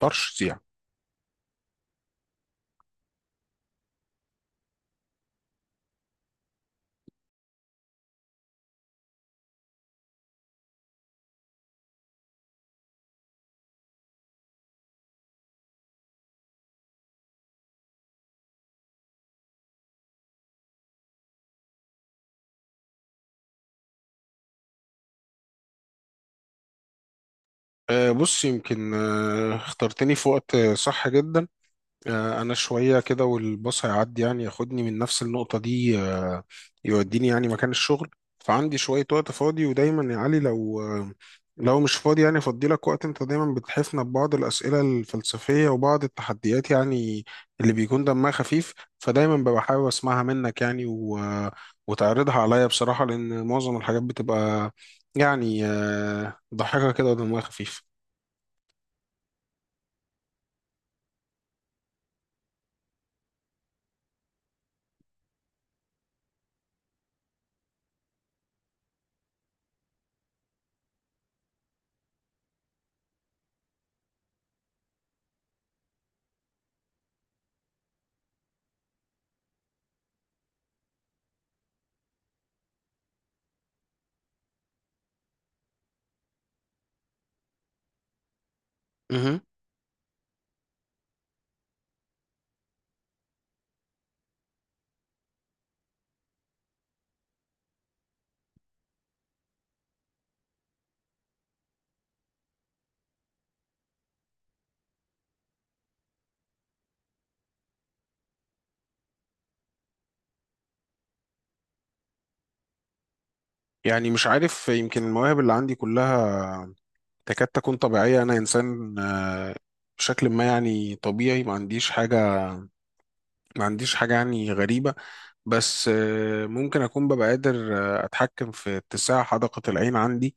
ترشيح. بص، يمكن اخترتني في وقت صح جدا. انا شويه كده والباص هيعدي، يعني ياخدني من نفس النقطه دي، يوديني يعني مكان الشغل. فعندي شويه وقت فاضي، ودايما يا علي لو مش فاضي يعني افضي لك وقت. انت دايما بتحفنا ببعض الاسئله الفلسفيه وبعض التحديات يعني، اللي بيكون دمها خفيف، فدايما ببقى حابب اسمعها منك يعني و... آه، وتعرضها عليا بصراحه، لان معظم الحاجات بتبقى يعني ضحكه كده ودمها خفيف. مهم. يعني مش عارف، يمكن المواهب اللي عندي كلها تكاد تكون طبيعية. أنا إنسان بشكل ما يعني طبيعي، ما عنديش حاجة يعني غريبة. بس ممكن أكون ببقى قادر أتحكم في اتساع حدقة العين عندي،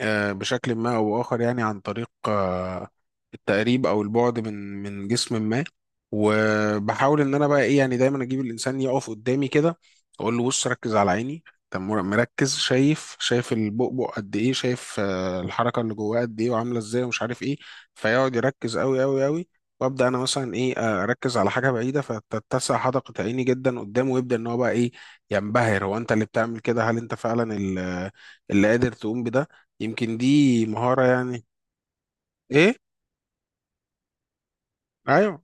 بشكل ما أو بآخر، يعني عن طريق التقريب أو البعد من جسم ما. وبحاول إن أنا بقى إيه، يعني دايما أجيب الإنسان يقف قدامي كده، أقول له: بص ركز على عيني. طب مركز، شايف البؤبؤ قد إيه، شايف الحركة اللي جواه قد إيه وعاملة إزاي ومش عارف إيه. فيقعد يركز أوي أوي أوي، وابدا انا مثلا ايه، اركز على حاجه بعيده، فتتسع حدقه عيني جدا قدامه، ويبدا ان هو بقى ايه، ينبهر. هو انت اللي بتعمل كده؟ هل انت فعلا اللي قادر تقوم بده؟ يمكن دي مهارة يعني. ايه؟ ايوه.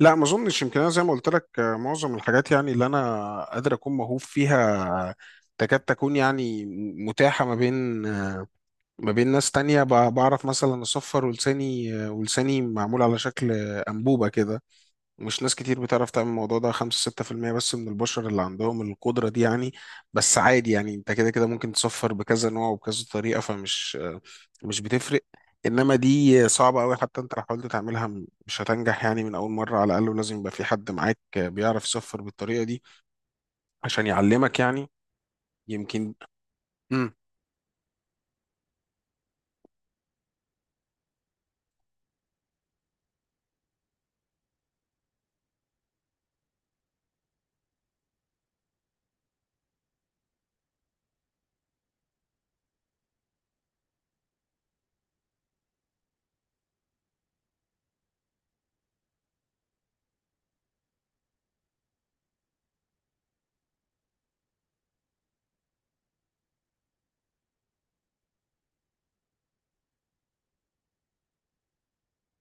لا، ما اظنش. يمكن انا زي ما قلت لك معظم الحاجات يعني اللي انا قادر اكون موهوب فيها تكاد تكون يعني متاحة ما بين ناس تانية. بعرف مثلا اصفر ولساني، ولساني معمول على شكل انبوبة كده. مش ناس كتير بتعرف تعمل الموضوع ده، 5 6% بس من البشر اللي عندهم القدرة دي يعني. بس عادي، يعني انت كده كده ممكن تصفر بكذا نوع وبكذا طريقة، فمش مش بتفرق. انما دي صعبة قوي، حتى انت لو حاولت تعملها مش هتنجح يعني من اول مرة على الاقل، ولازم يبقى في حد معاك بيعرف يصفر بالطريقة دي عشان يعلمك يعني. يمكن. مم.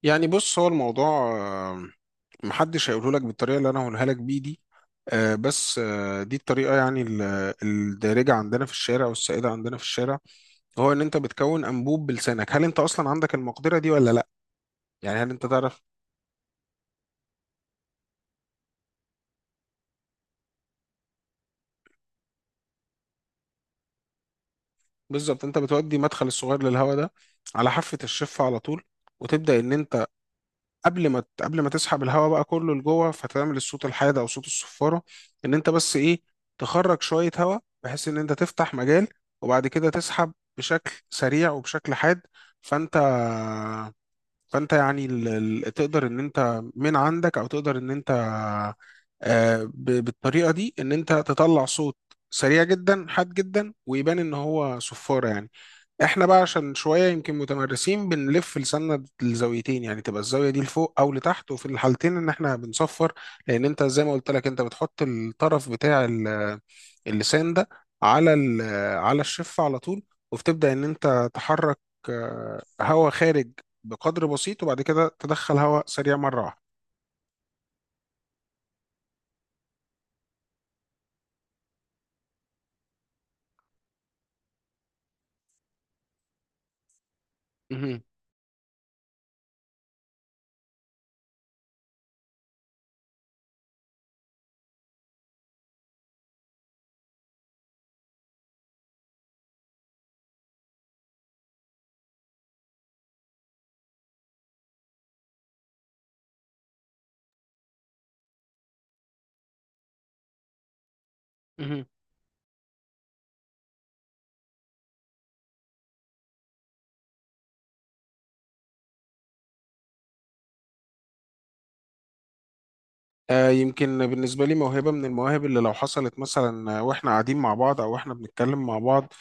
يعني بص، هو الموضوع محدش هيقوله لك بالطريقه اللي انا هقولها لك بيه دي. بس دي الطريقه يعني، الدارجه عندنا في الشارع والسائده عندنا في الشارع. هو ان انت بتكون انبوب بلسانك، هل انت اصلا عندك المقدره دي ولا لا؟ يعني هل انت تعرف؟ بالظبط، انت بتودي مدخل الصغير للهواء ده على حافه الشفه على طول، وتبدا ان انت، قبل ما تسحب الهواء بقى كله لجوه، فتعمل الصوت الحاد او صوت الصفاره. ان انت بس ايه، تخرج شويه هواء بحيث ان انت تفتح مجال، وبعد كده تسحب بشكل سريع وبشكل حاد. فانت فانت يعني تقدر ان انت من عندك، او تقدر ان انت بالطريقه دي ان انت تطلع صوت سريع جدا حاد جدا، ويبان ان هو صفاره يعني. احنا بقى عشان شويه يمكن متمرسين بنلف لساننا الزاويتين يعني، تبقى الزاويه دي لفوق او لتحت، وفي الحالتين ان احنا بنصفر. لان انت زي ما قلت لك، انت بتحط الطرف بتاع اللسان ده على على الشفه على طول، وبتبدا ان انت تحرك هواء خارج بقدر بسيط، وبعد كده تدخل هواء سريع مره واحده. مهم. مهم. يمكن بالنسبة لي موهبة من المواهب اللي لو حصلت مثلا واحنا قاعدين مع بعض، او واحنا بنتكلم مع بعض،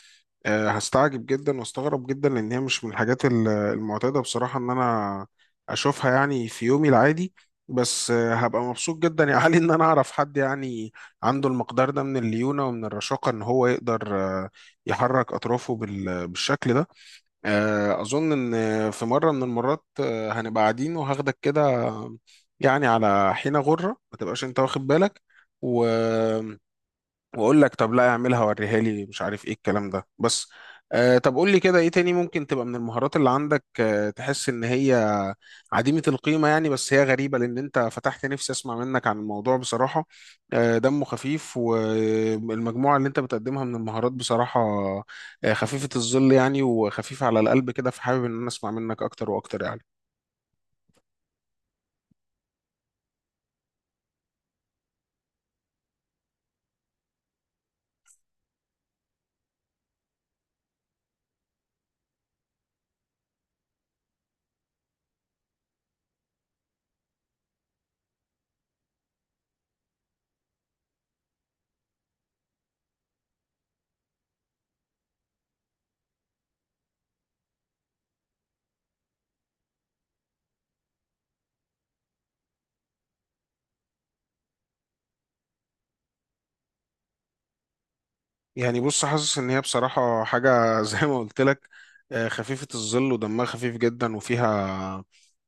هستعجب جدا واستغرب جدا، لان هي مش من الحاجات المعتادة بصراحة ان انا اشوفها يعني في يومي العادي. بس هبقى مبسوط جدا يا علي ان انا اعرف حد يعني عنده المقدار ده من الليونة ومن الرشاقة، ان هو يقدر آه، يحرك اطرافه بالشكل ده. أظن إن في مرة من المرات هنبقى قاعدين وهاخدك كده آه، يعني على حين غرة، ما تبقاش أنت واخد بالك، و... واقول لك: طب لا، اعملها وريها لي، مش عارف ايه الكلام ده، بس. طب قول لي كده، ايه تاني ممكن تبقى من المهارات اللي عندك تحس ان هي عديمة القيمة يعني، بس هي غريبة لان انت فتحت نفسي اسمع منك عن الموضوع بصراحة. دمه خفيف، والمجموعة اللي انت بتقدمها من المهارات بصراحة خفيفة الظل يعني وخفيفة على القلب كده، فحابب ان انا اسمع منك اكتر واكتر يعني. يعني بص، حاسس ان هي بصراحة حاجة زي ما قلت لك خفيفة الظل ودمها خفيف جدا، وفيها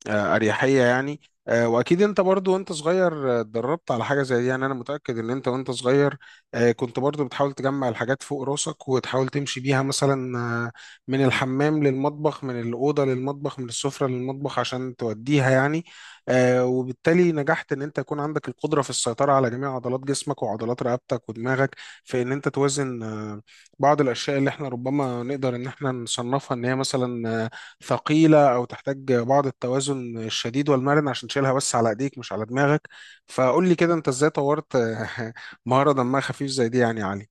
اريحيه يعني. واكيد انت برضو وانت صغير اتدربت على حاجه زي دي يعني. انا متاكد ان انت وانت صغير كنت برضو بتحاول تجمع الحاجات فوق راسك وتحاول تمشي بيها مثلا من الحمام للمطبخ، من الاوضه للمطبخ، من السفره للمطبخ، عشان توديها يعني. وبالتالي نجحت ان انت يكون عندك القدره في السيطره على جميع عضلات جسمك وعضلات رقبتك ودماغك، في ان انت توازن بعض الاشياء اللي احنا ربما نقدر ان احنا نصنفها ان هي مثلا ثقيلة أو تحتاج بعض التوازن الشديد والمرن، عشان تشيلها بس على إيديك مش على دماغك. فقول لي كده، أنت إزاي طورت مهارة دمها خفيف زي دي يعني يا علي؟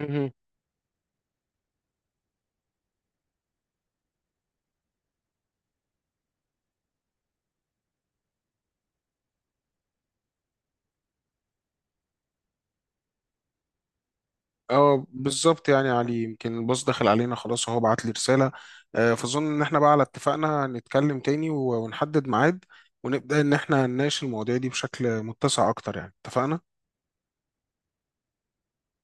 مهم. اه بالظبط، يعني يا علي يمكن الباص دخل علينا خلاص وهو بعت لي رسالة، فأظن إن إحنا بقى على اتفاقنا نتكلم تاني ونحدد ميعاد، ونبدأ إن إحنا نناقش المواضيع دي بشكل متسع أكتر يعني، اتفقنا؟